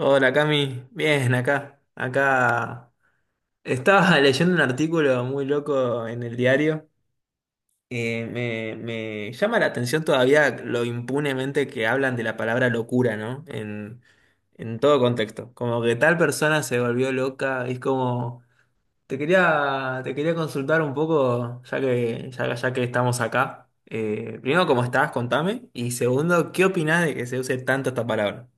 Hola Cami, bien acá, estaba leyendo un artículo muy loco en el diario. Me llama la atención todavía lo impunemente que hablan de la palabra locura, ¿no? En todo contexto. Como que tal persona se volvió loca, es como, te quería consultar un poco, ya que estamos acá. Primero, ¿cómo estás? Contame. Y segundo, ¿qué opinás de que se use tanto esta palabra?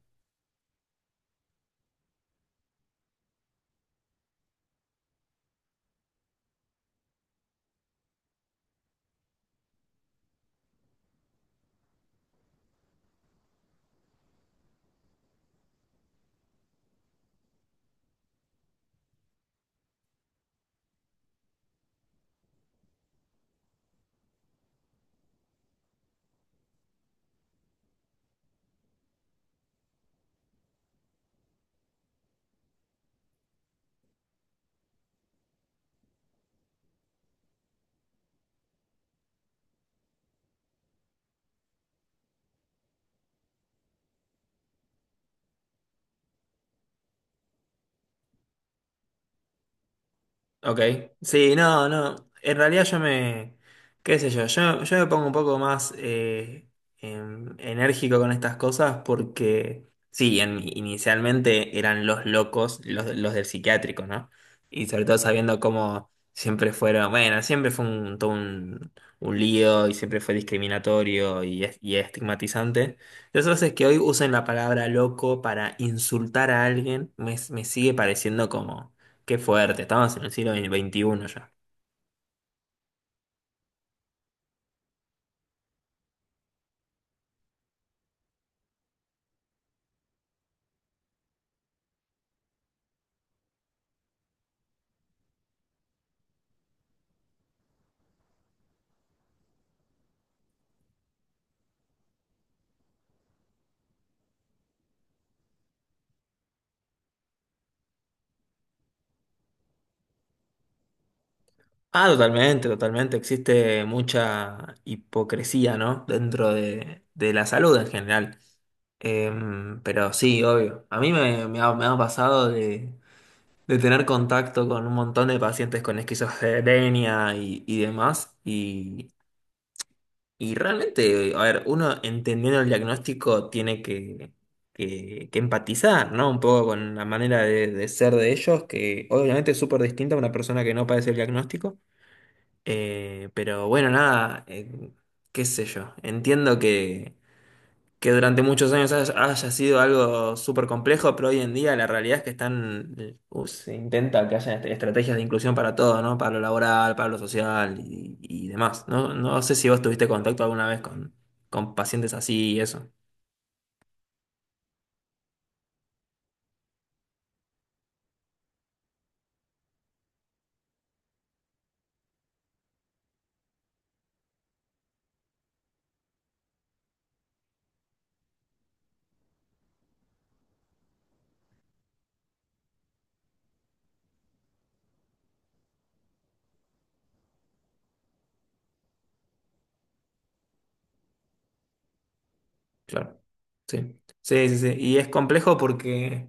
Ok, sí, no, no, en realidad yo me, qué sé yo, yo, yo, me pongo un poco más enérgico con estas cosas porque, sí, inicialmente eran los locos, los del psiquiátrico, ¿no? Y sobre todo sabiendo cómo siempre fueron, bueno, siempre fue un, todo un lío y siempre fue discriminatorio y, y estigmatizante. Entonces es que hoy usen la palabra loco para insultar a alguien, me sigue pareciendo como... Qué fuerte, estamos en el siglo XXI ya. Ah, totalmente, totalmente. Existe mucha hipocresía, ¿no? De la salud en general. Em, pero sí, obvio. A mí me, me ha pasado de tener contacto con un montón de pacientes con esquizofrenia y demás. Y realmente, a ver, uno entendiendo el diagnóstico tiene que empatizar, ¿no? Un poco con la manera de ser de ellos, que obviamente es súper distinta a una persona que no padece el diagnóstico. Pero bueno, nada, qué sé yo. Entiendo que durante muchos años haya sido algo súper complejo, pero hoy en día la realidad es que están, se intenta que haya estrategias de inclusión para todo, ¿no? Para lo laboral, para lo social y demás. No sé si vos tuviste contacto alguna vez con pacientes así y eso. Claro. Sí. Sí, sí, sí. Y es complejo porque,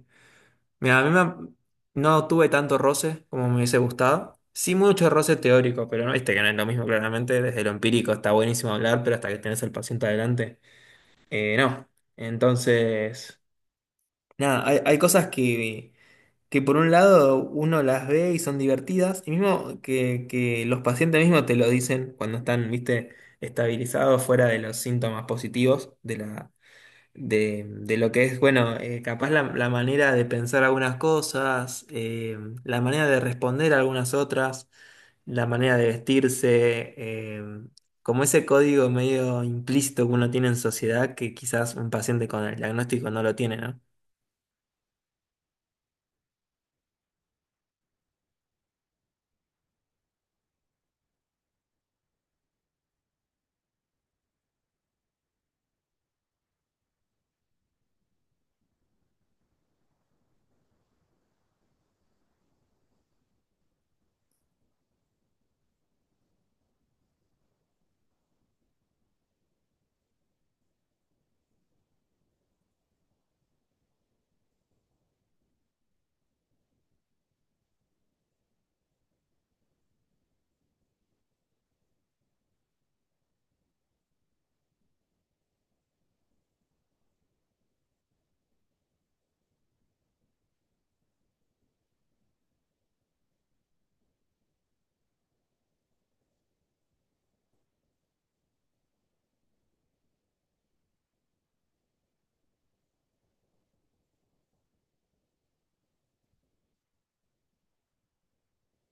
mira, no tuve tanto roce como me hubiese gustado. Sí, mucho roce teórico, pero no, viste que no es lo mismo, claramente. Desde lo empírico está buenísimo hablar, pero hasta que tenés al paciente adelante. Eh, no. Entonces, nada, hay cosas que por un lado uno las ve y son divertidas, y mismo que los pacientes mismos te lo dicen cuando están, viste, estabilizados fuera de los síntomas positivos de de lo que es, bueno, capaz la manera de pensar algunas cosas, la manera de responder a algunas otras, la manera de vestirse, como ese código medio implícito que uno tiene en sociedad que quizás un paciente con el diagnóstico no lo tiene, ¿no?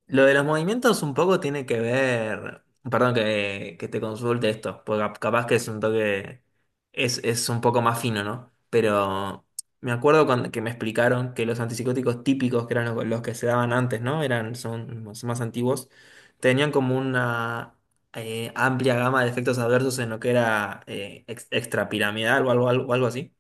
Lo de los movimientos un poco tiene que ver, perdón que te consulte esto, porque capaz que es un toque, es un poco más fino, ¿no? Pero me acuerdo que me explicaron que los antipsicóticos típicos, que eran los que se daban antes, ¿no? Son más antiguos, tenían como una amplia gama de efectos adversos en lo que era extrapiramidal o algo así.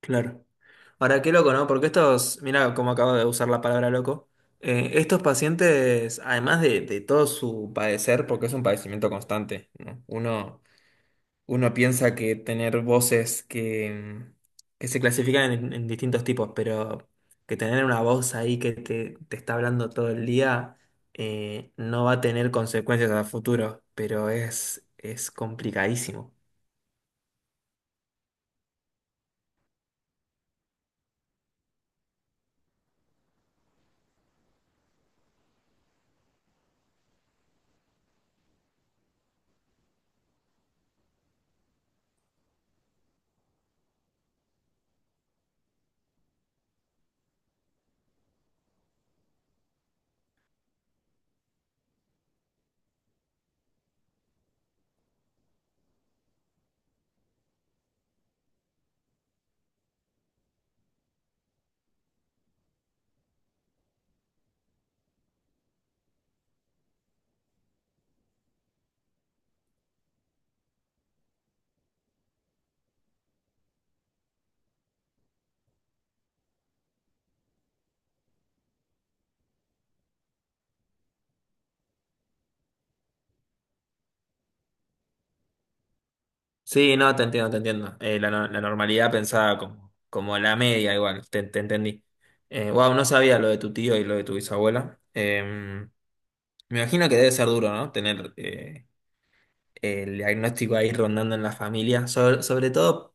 Claro. Ahora, qué loco, ¿no? Porque estos, mira cómo acabo de usar la palabra loco. Estos pacientes, además de todo su padecer, porque es un padecimiento constante, ¿no? Uno piensa que tener voces que se clasifican en distintos tipos, pero que tener una voz ahí que te está hablando todo el día, no va a tener consecuencias a futuro, pero es complicadísimo. Sí, no, te entiendo, te entiendo. La, no- La normalidad pensada como, como la media, igual, te entendí. Wow, no sabía lo de tu tío y lo de tu bisabuela. Me imagino que debe ser duro, ¿no? Tener el diagnóstico ahí rondando en la familia. Sobre todo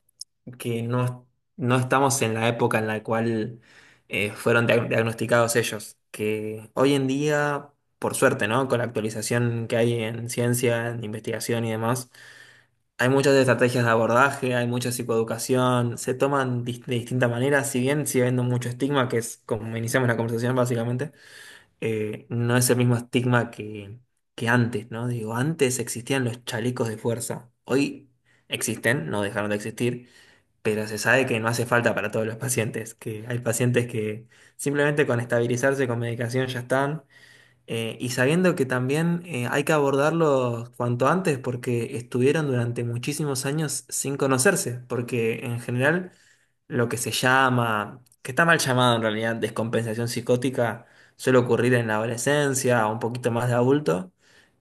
que no estamos en la época en la cual fueron diagnosticados ellos. Que hoy en día, por suerte, ¿no? Con la actualización que hay en ciencia, en investigación y demás. Hay muchas estrategias de abordaje, hay mucha psicoeducación, se toman de distintas maneras, si bien sigue habiendo mucho estigma, que es como iniciamos la conversación básicamente, no es el mismo estigma que antes, ¿no? Digo, antes existían los chalecos de fuerza, hoy existen, no dejaron de existir, pero se sabe que no hace falta para todos los pacientes, que hay pacientes que simplemente con estabilizarse con medicación ya están, y sabiendo que también hay que abordarlos cuanto antes porque estuvieron durante muchísimos años sin conocerse, porque en general lo que se llama, que está mal llamado en realidad, descompensación psicótica, suele ocurrir en la adolescencia o un poquito más de adulto,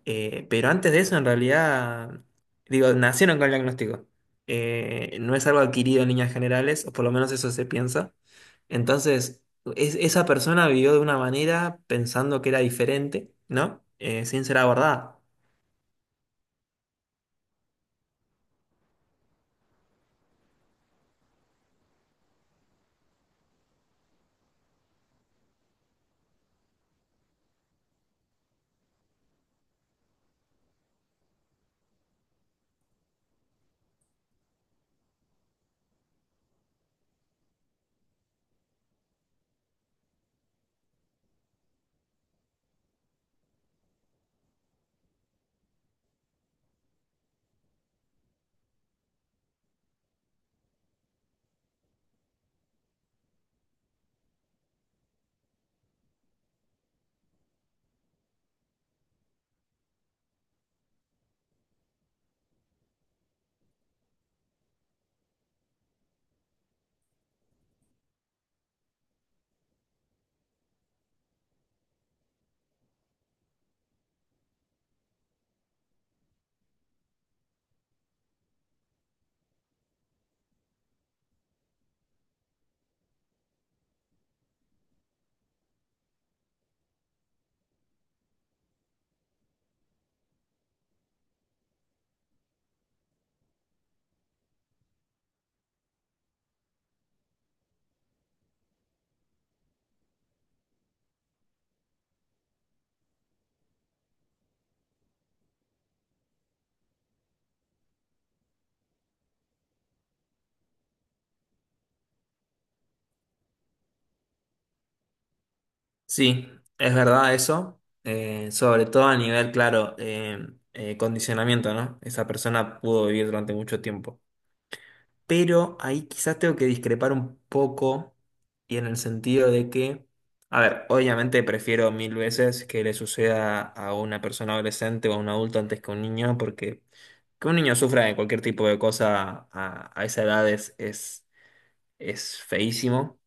pero antes de eso en realidad, digo, nacieron con el diagnóstico. No es algo adquirido en líneas generales, o por lo menos eso se piensa. Entonces, esa persona vivió de una manera pensando que era diferente, ¿no? Sin ser abordada. Sí, es verdad eso, sobre todo a nivel, claro, condicionamiento, ¿no? Esa persona pudo vivir durante mucho tiempo. Pero ahí quizás tengo que discrepar un poco y en el sentido de que, a ver, obviamente prefiero mil veces que le suceda a una persona adolescente o a un adulto antes que a un niño porque que un niño sufra de cualquier tipo de cosa a esa edad es feísimo,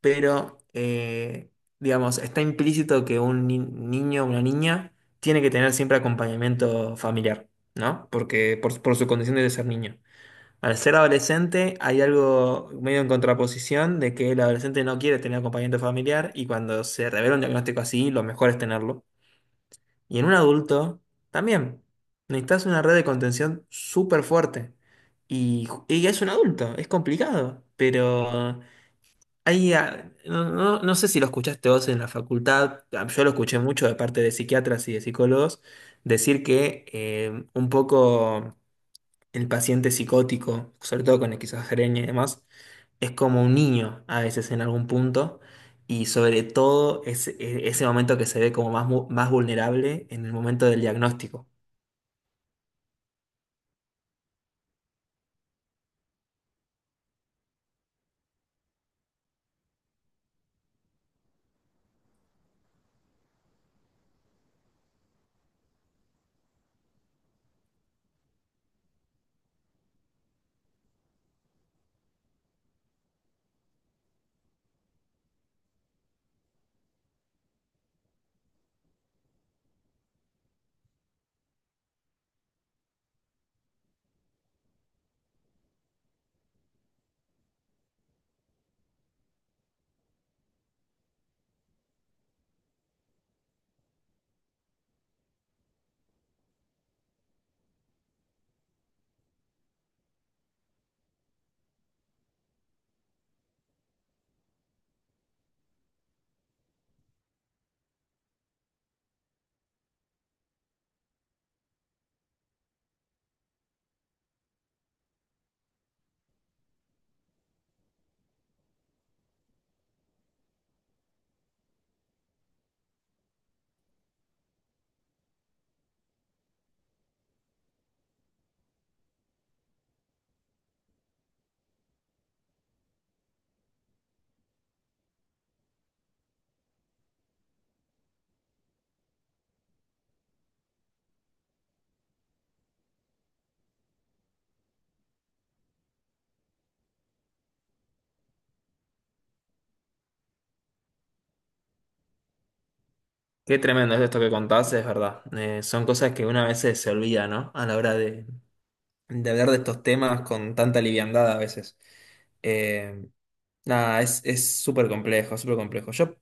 pero digamos, está implícito que un niño o una niña tiene que tener siempre acompañamiento familiar, ¿no? Porque por su condición de ser niño. Al ser adolescente hay algo medio en contraposición de que el adolescente no quiere tener acompañamiento familiar y cuando se revela un diagnóstico así, lo mejor es tenerlo. Y en un adulto, también. Necesitas una red de contención súper fuerte. Y, y es un adulto, es complicado. Pero hay, ah, no sé si lo escuchaste vos en la facultad, ah, yo lo escuché mucho de parte de psiquiatras y de psicólogos, decir que un poco el paciente psicótico, sobre todo con esquizofrenia y demás, es como un niño a veces en algún punto, y sobre todo ese momento que se ve como más vulnerable en el momento del diagnóstico. Qué tremendo es esto que contás, es verdad. Son cosas que una vez se olvida, ¿no? A la hora de hablar de estos temas con tanta liviandad a veces. Eh, nada, es súper complejo, súper complejo. Yo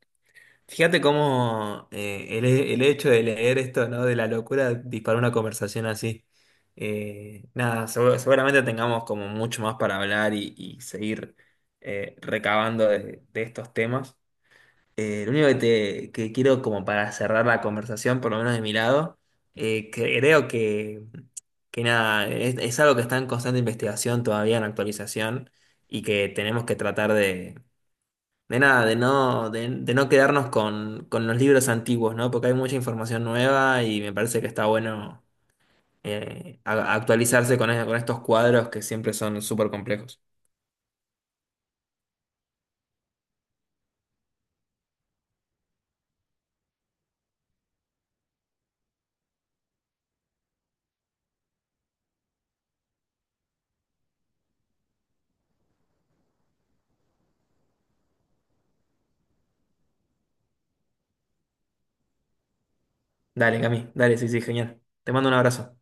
fíjate cómo el hecho de leer esto, ¿no? De la locura disparó una conversación así. Nada, seguramente tengamos como mucho más para hablar y seguir recabando de estos temas. Lo único que, te, que quiero como para cerrar la conversación, por lo menos de mi lado, creo que nada, es algo que está en constante investigación, todavía en actualización, y que tenemos que tratar de nada, de no quedarnos con los libros antiguos, ¿no? Porque hay mucha información nueva y me parece que está bueno actualizarse con, con estos cuadros que siempre son súper complejos. Dale, Cami, dale, sí, sí, genial. Te mando un abrazo.